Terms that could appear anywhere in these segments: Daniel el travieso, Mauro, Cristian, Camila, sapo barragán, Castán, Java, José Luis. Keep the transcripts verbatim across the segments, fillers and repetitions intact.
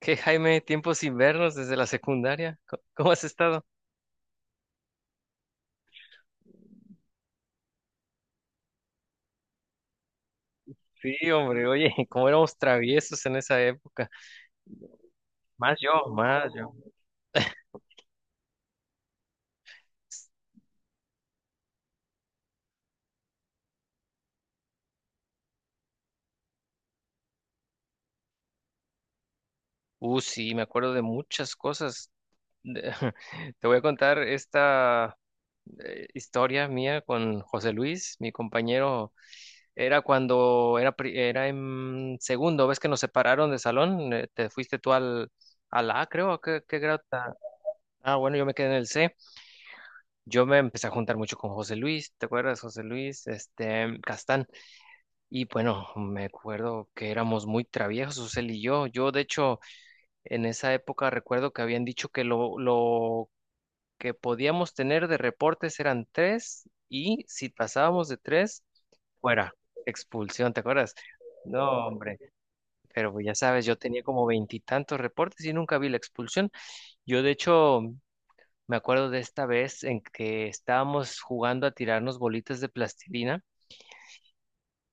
¿Qué, Jaime? Tiempo sin vernos desde la secundaria. Co- ¿Cómo has estado? Sí, hombre, oye, cómo éramos traviesos en esa época. Más yo, más yo. Uh, sí, me acuerdo de muchas cosas. De- Te voy a contar esta eh, historia mía con José Luis, mi compañero. Era cuando era, pri- era en segundo, ves que nos separaron de salón. Eh, te fuiste tú al, al A, creo. ¿A qué, qué grado? ta- Ah, bueno, yo me quedé en el C. Yo me empecé a juntar mucho con José Luis, ¿te acuerdas, José Luis? Este, Castán. Y bueno, me acuerdo que éramos muy traviesos, él y yo. Yo, de hecho, en esa época recuerdo que habían dicho que lo, lo que podíamos tener de reportes eran tres y si pasábamos de tres, fuera, expulsión, ¿te acuerdas? No, hombre, pero pues ya sabes, yo tenía como veintitantos reportes y nunca vi la expulsión. Yo, de hecho, me acuerdo de esta vez en que estábamos jugando a tirarnos bolitas de plastilina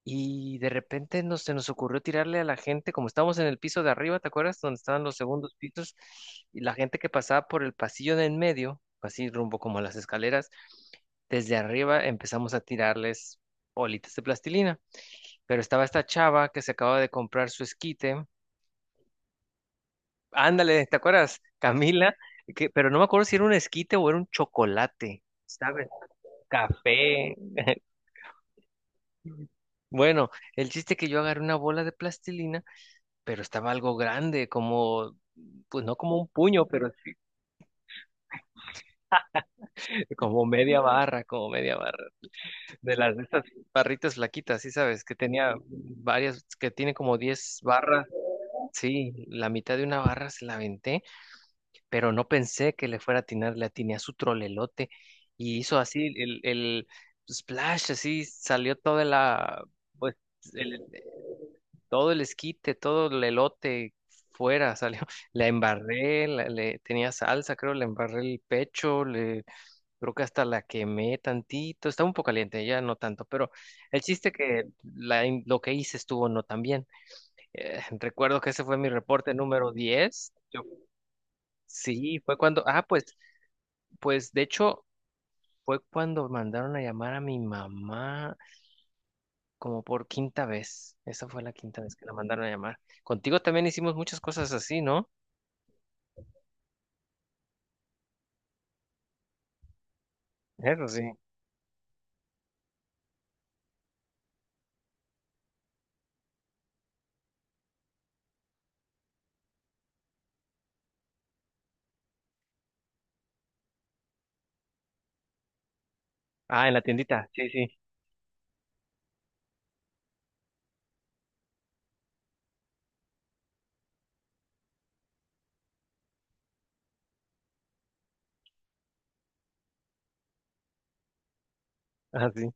y de repente nos, se nos ocurrió tirarle a la gente, como estábamos en el piso de arriba, ¿te acuerdas? Donde estaban los segundos pisos y la gente que pasaba por el pasillo de en medio, así rumbo como a las escaleras, desde arriba empezamos a tirarles bolitas de plastilina. Pero estaba esta chava que se acaba de comprar su esquite. Ándale, ¿te acuerdas? Camila, que, pero no me acuerdo si era un esquite o era un chocolate. ¿Sabes? Café. Bueno, el chiste que yo agarré una bola de plastilina, pero estaba algo grande, como, pues no como un puño, pero como media barra, como media barra. De las de estas barritas flaquitas, sí sabes, que tenía varias, que tiene como diez barras. Sí, la mitad de una barra se la aventé, pero no pensé que le fuera a atinar, le atiné a su trolelote y hizo así el, el splash, así salió toda la, pues, el- todo el esquite, todo el elote fuera salió. La embarré, la- le tenía salsa, creo, le embarré el pecho, le creo que hasta la quemé tantito, estaba un poco caliente, ya no tanto, pero el chiste que la, in- lo que hice estuvo no tan bien. Eh, recuerdo que ese fue mi reporte número diez. Yo- sí, fue cuando, ah, pues pues de hecho fue cuando mandaron a llamar a mi mamá como por quinta vez. Esa fue la quinta vez que la mandaron a llamar. Contigo también hicimos muchas cosas así, ¿no? Eso sí. Ah, en la tiendita. Sí, sí. Ajá, sí.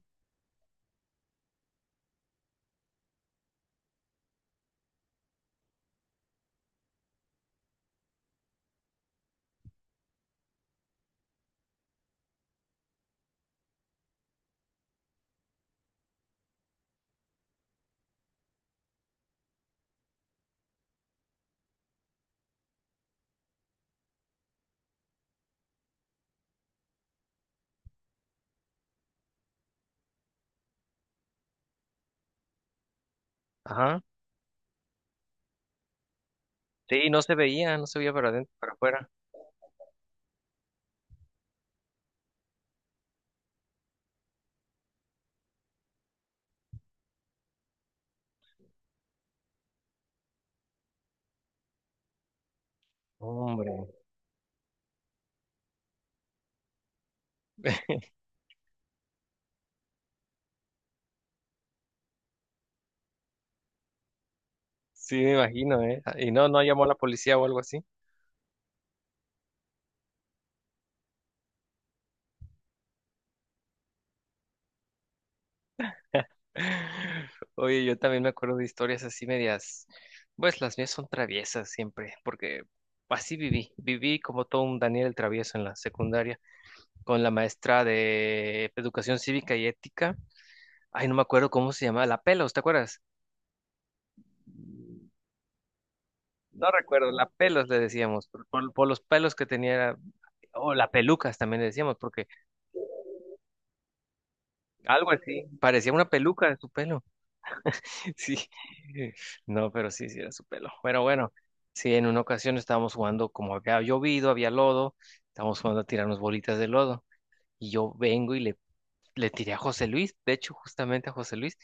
Ajá. Sí, no se veía, no se veía para adentro, para afuera. Hombre. Sí, me imagino, ¿eh? Y no, no llamó la policía o algo así. Oye, yo también me acuerdo de historias así medias, pues las mías son traviesas siempre, porque así viví, viví como todo un Daniel el travieso en la secundaria, con la maestra de educación cívica y ética, ay, no me acuerdo cómo se llamaba, la Pelos, ¿te acuerdas? No recuerdo, la Pelos le decíamos, por, por- por los pelos que tenía, era- o la Pelucas también le decíamos, porque algo así, parecía una peluca de su pelo. Sí, no, pero sí, sí era su pelo. Pero bueno, sí, en una ocasión estábamos jugando, como había llovido, había lodo, estábamos jugando a tirarnos bolitas de lodo. Y yo vengo y le, le tiré a José Luis, de hecho, justamente a José Luis.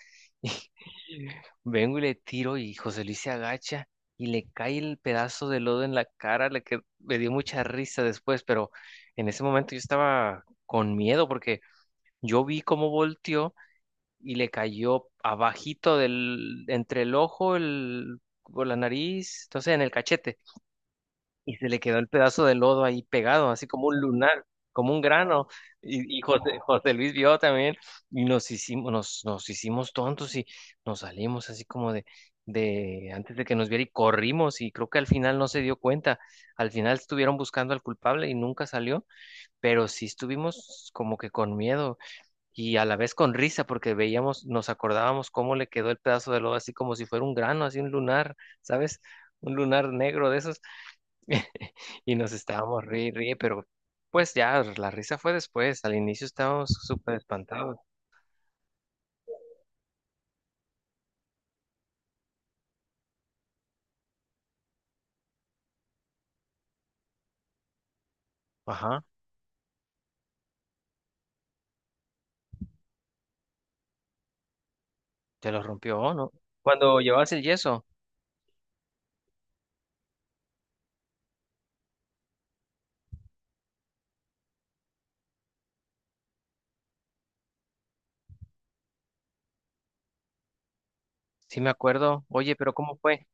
Y vengo y le tiro y José Luis se agacha y le cae el pedazo de lodo en la cara, la que me dio mucha risa después, pero en ese momento yo estaba con miedo porque yo vi cómo volteó y le cayó abajito del, entre el ojo, el, o la nariz, entonces en el cachete, y se le quedó el pedazo de lodo ahí pegado, así como un lunar, como un grano. Y, y José, José Luis vio también, y nos hicimos, nos, nos hicimos tontos y nos salimos así como de, de antes de que nos viera y corrimos, y creo que al final no se dio cuenta. Al final estuvieron buscando al culpable y nunca salió, pero sí estuvimos como que con miedo y a la vez con risa porque veíamos, nos acordábamos cómo le quedó el pedazo de lodo así como si fuera un grano, así un lunar, ¿sabes? Un lunar negro de esos. Y nos estábamos ríe y ríe, pero pues ya la risa fue después, al inicio estábamos súper espantados. Ajá, te lo rompió, ¿no? Cuando llevabas el yeso, sí me acuerdo. Oye, pero ¿cómo fue?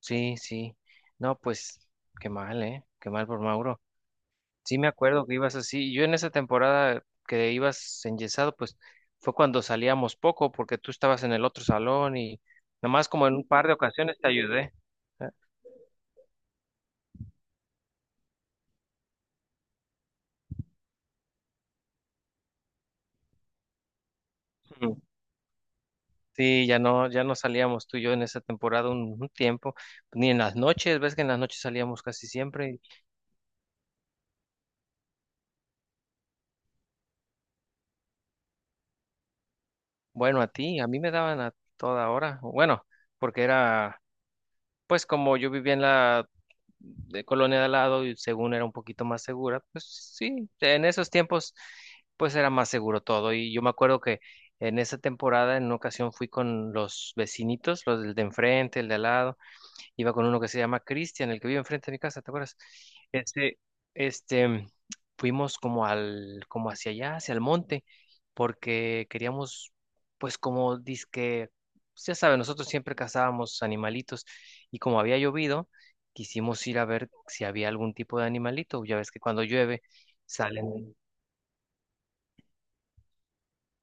Sí, sí. No, pues qué mal, ¿eh? Qué mal por Mauro. Sí, me acuerdo que ibas así. Yo en esa temporada que ibas enyesado, pues fue cuando salíamos poco, porque tú estabas en el otro salón y nomás como en un par de ocasiones te ayudé. Ah, ujú. Sí, ya no, ya no salíamos tú y yo en esa temporada un, un tiempo, ni en las noches, ves que en las noches salíamos casi siempre. Bueno, a ti, a mí me daban a toda hora. Bueno, porque era Pues como yo vivía en la de colonia de al lado y según era un poquito más segura, pues sí, en esos tiempos pues era más seguro todo. Y yo me acuerdo que en esa temporada en una ocasión fui con los vecinitos, los del de enfrente, el de al lado. Iba con uno que se llama Cristian, el que vive enfrente de mi casa, ¿te acuerdas? Este, este, fuimos como al, como hacia allá, hacia el monte, porque queríamos, pues como dizque, pues, ya saben, nosotros siempre cazábamos animalitos y como había llovido, quisimos ir a ver si había algún tipo de animalito. Ya ves que cuando llueve salen,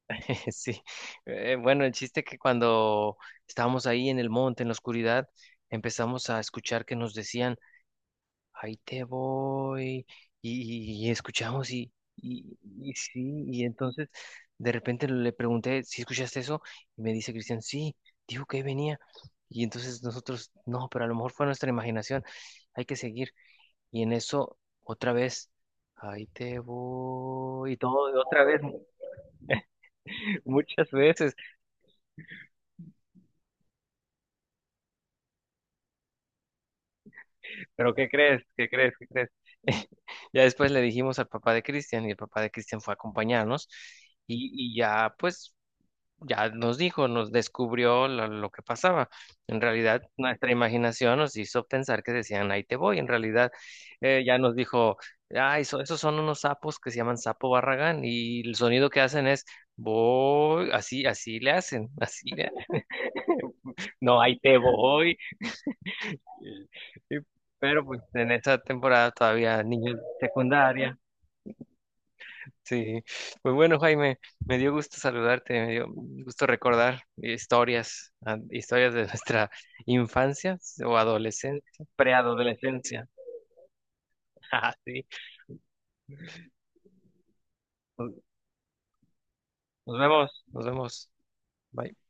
sí. Eh, bueno, el chiste que cuando estábamos ahí en el monte, en la oscuridad, empezamos a escuchar que nos decían ahí te voy, y, y- y escuchamos, y, y, y sí, y entonces de repente le pregunté si escuchaste eso, y me dice Cristian, sí, dijo que ahí venía, y entonces nosotros, no, pero a lo mejor fue nuestra imaginación, hay que seguir, y en eso otra vez, ahí te voy, y todo, otra vez, muchas veces, pero ¿qué crees? ¿Qué crees? ¿Qué crees? Ya después le dijimos al papá de Cristian, y el papá de Cristian fue a acompañarnos. Y, y ya, pues ya nos dijo, nos descubrió lo, lo que pasaba. En realidad, nuestra imaginación nos hizo pensar que decían, ahí te voy. En realidad, eh, ya nos dijo, ah, eso, esos son unos sapos que se llaman sapo barragán y el sonido que hacen es, voy, así, así le hacen, así le, no, ahí te voy. Y- y- Pero pues en esa temporada todavía niños secundarios. Sí, pues bueno, Jaime, me dio gusto saludarte, me dio gusto recordar historias, ah, historias de nuestra infancia o adolescencia, preadolescencia. Ah, sí. Nos Nos vemos, nos vemos. Bye.